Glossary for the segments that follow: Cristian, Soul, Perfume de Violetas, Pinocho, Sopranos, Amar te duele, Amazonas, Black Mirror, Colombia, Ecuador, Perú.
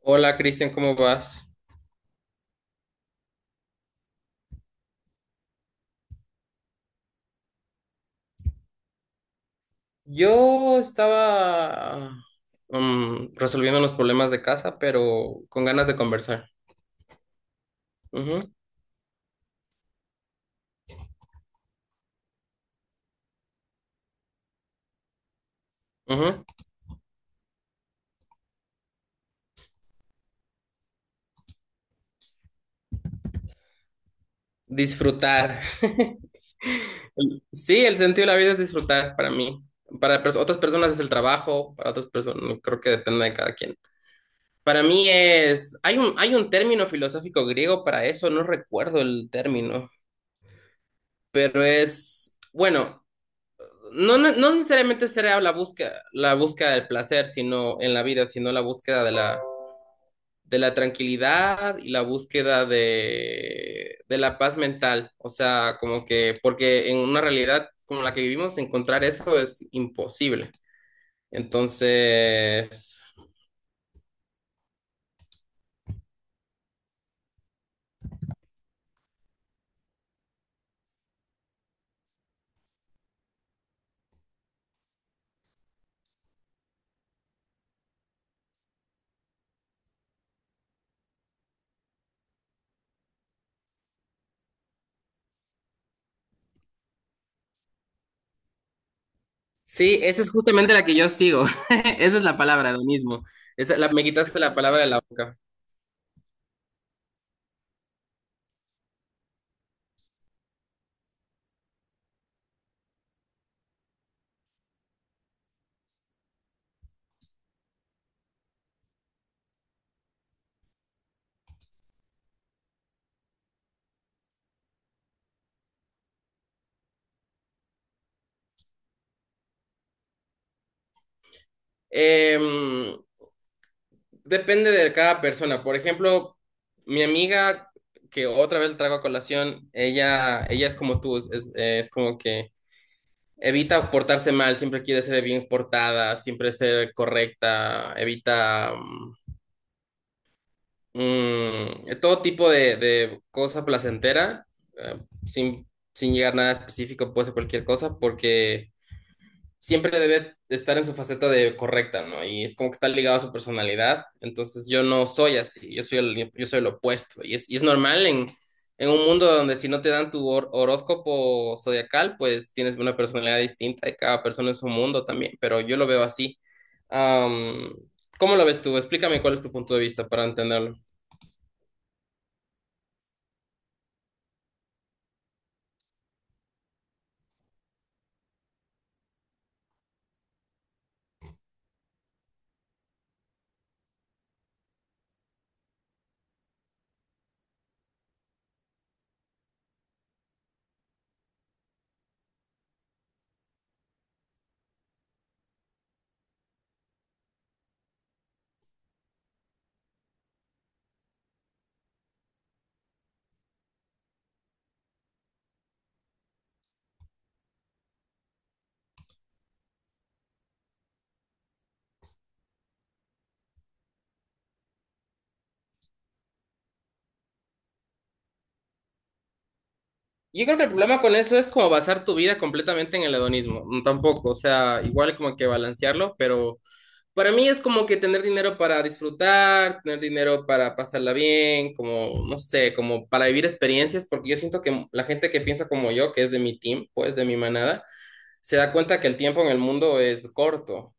Hola Cristian, ¿cómo vas? Yo estaba resolviendo unos problemas de casa, pero con ganas de conversar. Ujú, ujú. Disfrutar. Sí, el sentido de la vida es disfrutar para mí. Para otras personas es el trabajo, para otras personas creo que depende de cada quien. Para mí es, hay un término filosófico griego para eso, no recuerdo el término, pero es, bueno. No, no, no necesariamente será la búsqueda del placer, sino en la vida, sino la búsqueda de la tranquilidad y la búsqueda de la paz mental. O sea, como que, porque en una realidad como la que vivimos, encontrar eso es imposible. Entonces, sí, esa es justamente la que yo sigo. Esa es la palabra, lo mismo. Esa, la, me quitaste la palabra de la boca. Em, Depende de cada persona. Por ejemplo, mi amiga, que otra vez traigo a colación, ella es como tú, es como que evita portarse mal, siempre quiere ser bien portada, siempre ser correcta, evita todo tipo de cosa placentera, eh, sin, sin llegar a nada específico, puede ser cualquier cosa, porque siempre debe estar en su faceta de correcta, ¿no? Y es como que está ligado a su personalidad. Entonces yo no soy así, yo soy el opuesto. Y es normal en un mundo donde si no te dan tu horóscopo zodiacal, pues tienes una personalidad distinta y cada persona en su mundo también, pero yo lo veo así. Am, ¿Cómo lo ves tú? Explícame cuál es tu punto de vista para entenderlo. Yo creo que el problema con eso es como basar tu vida completamente en el hedonismo, tampoco, o sea, igual como que balancearlo, pero para mí es como que tener dinero para disfrutar, tener dinero para pasarla bien, como, no sé, como para vivir experiencias, porque yo siento que la gente que piensa como yo, que es de mi team, pues de mi manada, se da cuenta que el tiempo en el mundo es corto.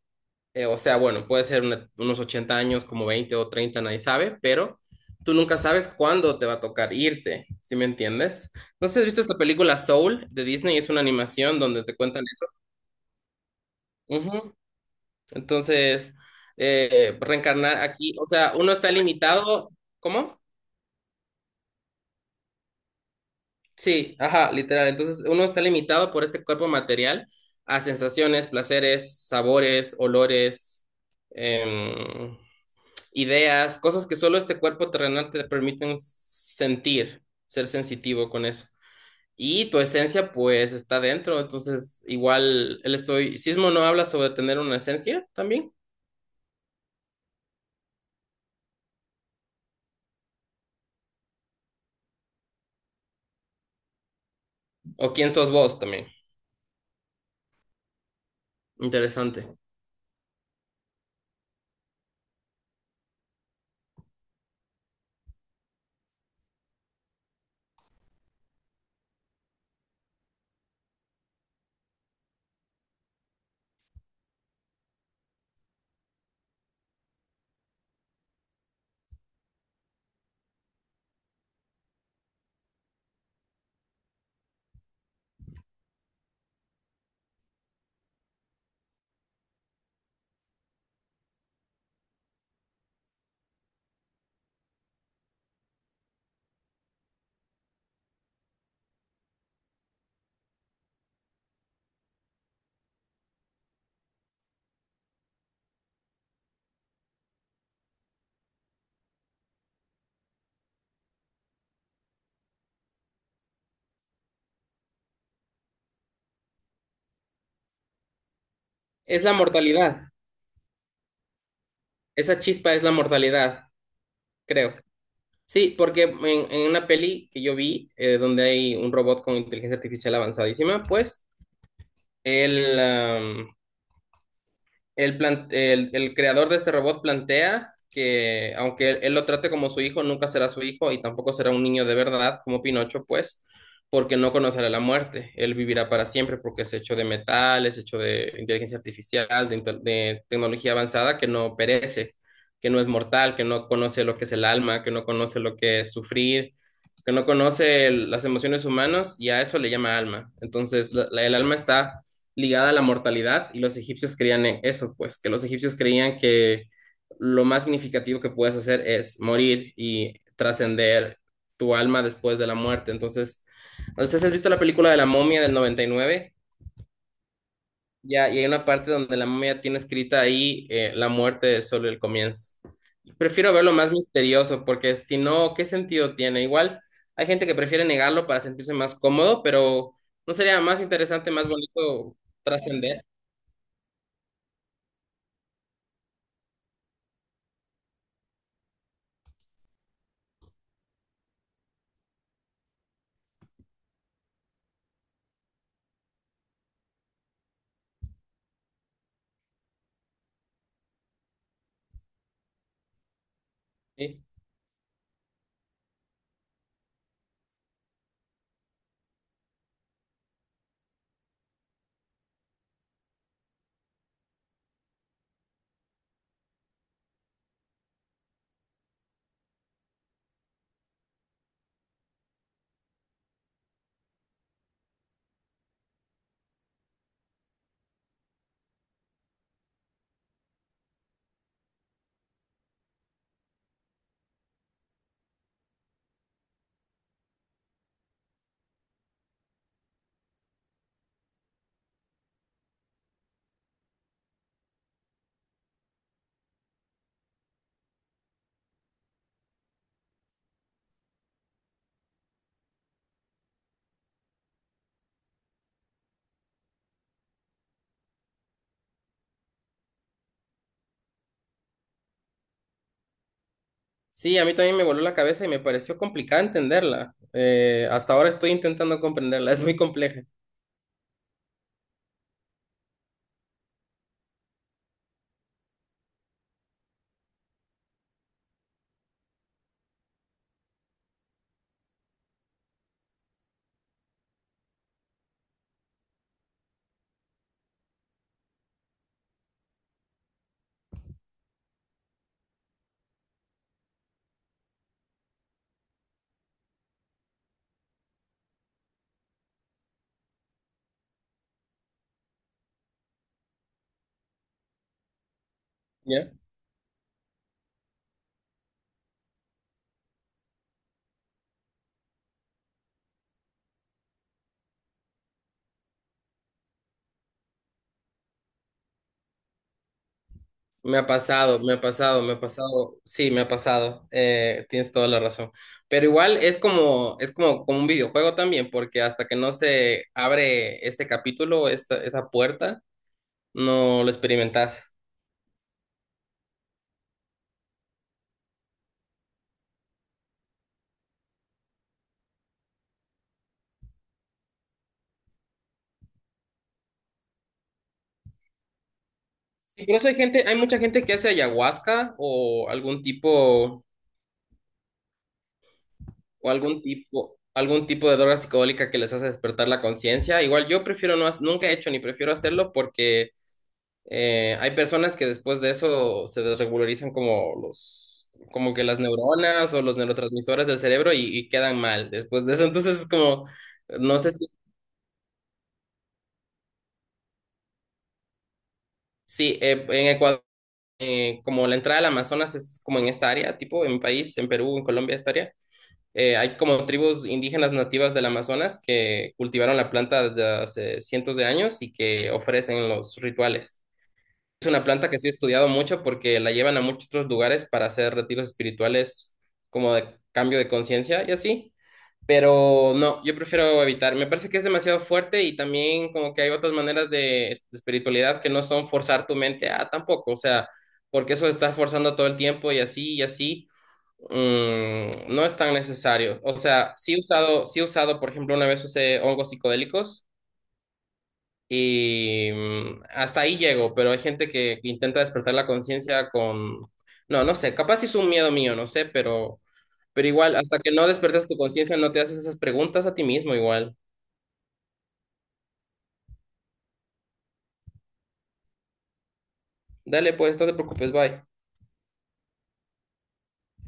O sea, bueno, puede ser unos 80 años, como 20 o 30, nadie sabe, pero tú nunca sabes cuándo te va a tocar irte, ¿sí me entiendes? Entonces, ¿has visto esta película Soul de Disney? Es una animación donde te cuentan eso. Entonces, reencarnar aquí, o sea, uno está limitado. ¿Cómo? Sí, ajá, literal. Entonces, uno está limitado por este cuerpo material a sensaciones, placeres, sabores, olores, em, ideas, cosas que solo este cuerpo terrenal te permiten sentir, ser sensitivo con eso. Y tu esencia, pues, está dentro. Entonces, igual el estoicismo no habla sobre tener una esencia también. ¿O quién sos vos también? Interesante. Es la mortalidad. Esa chispa es la mortalidad, creo. Sí, porque en una peli que yo vi, donde hay un robot con inteligencia artificial avanzadísima, pues, él, am, el, plan- el creador de este robot plantea que aunque él lo trate como su hijo, nunca será su hijo y tampoco será un niño de verdad como Pinocho, pues, porque no conocerá la muerte. Él vivirá para siempre porque es hecho de metal, es hecho de inteligencia artificial, de, de tecnología avanzada que no perece, que no es mortal, que no conoce lo que es el alma, que no conoce lo que es sufrir, que no conoce las emociones humanas y a eso le llama alma. Entonces, el alma está ligada a la mortalidad y los egipcios creían en eso, pues que los egipcios creían que lo más significativo que puedes hacer es morir y trascender tu alma después de la muerte. Entonces, has visto la película de la momia del 99 ya, y hay una parte donde la momia tiene escrita ahí la muerte es solo el comienzo. Prefiero verlo más misterioso porque si no, ¿qué sentido tiene? Igual hay gente que prefiere negarlo para sentirse más cómodo, pero ¿no sería más interesante, más bonito trascender? ¿Sí? Sí, a mí también me voló la cabeza y me pareció complicada entenderla. Hasta ahora estoy intentando comprenderla, es muy compleja. ¿Ya? Me ha pasado, me ha pasado, me ha pasado, sí, me ha pasado, tienes toda la razón. Pero igual es como, como un videojuego también, porque hasta que no se abre ese capítulo, esa puerta, no lo experimentas. Incluso hay gente, hay mucha gente que hace ayahuasca o algún tipo de droga psicodélica que les hace despertar la conciencia. Igual yo prefiero no, nunca he hecho ni prefiero hacerlo porque hay personas que después de eso se desregularizan como los, como que las neuronas o los neurotransmisores del cerebro y quedan mal después de eso. Entonces es como, no sé si, sí, en Ecuador, como la entrada al Amazonas es como en esta área, tipo en mi país, en Perú, en Colombia, esta área. Hay como tribus indígenas nativas del Amazonas que cultivaron la planta desde hace cientos de años y que ofrecen los rituales. Es una planta que sí he estudiado mucho porque la llevan a muchos otros lugares para hacer retiros espirituales como de cambio de conciencia y así. Pero no, yo prefiero evitar. Me parece que es demasiado fuerte y también como que hay otras maneras de espiritualidad que no son forzar tu mente a tampoco, o sea, porque eso de estar forzando todo el tiempo y así, no es tan necesario. O sea, sí he usado, por ejemplo, una vez usé hongos psicodélicos y hasta ahí llego, pero hay gente que intenta despertar la conciencia con, no, no sé, capaz sí es un miedo mío, no sé, pero igual, hasta que no despertas tu conciencia, no te haces esas preguntas a ti mismo igual. Dale, pues, no te preocupes, bye.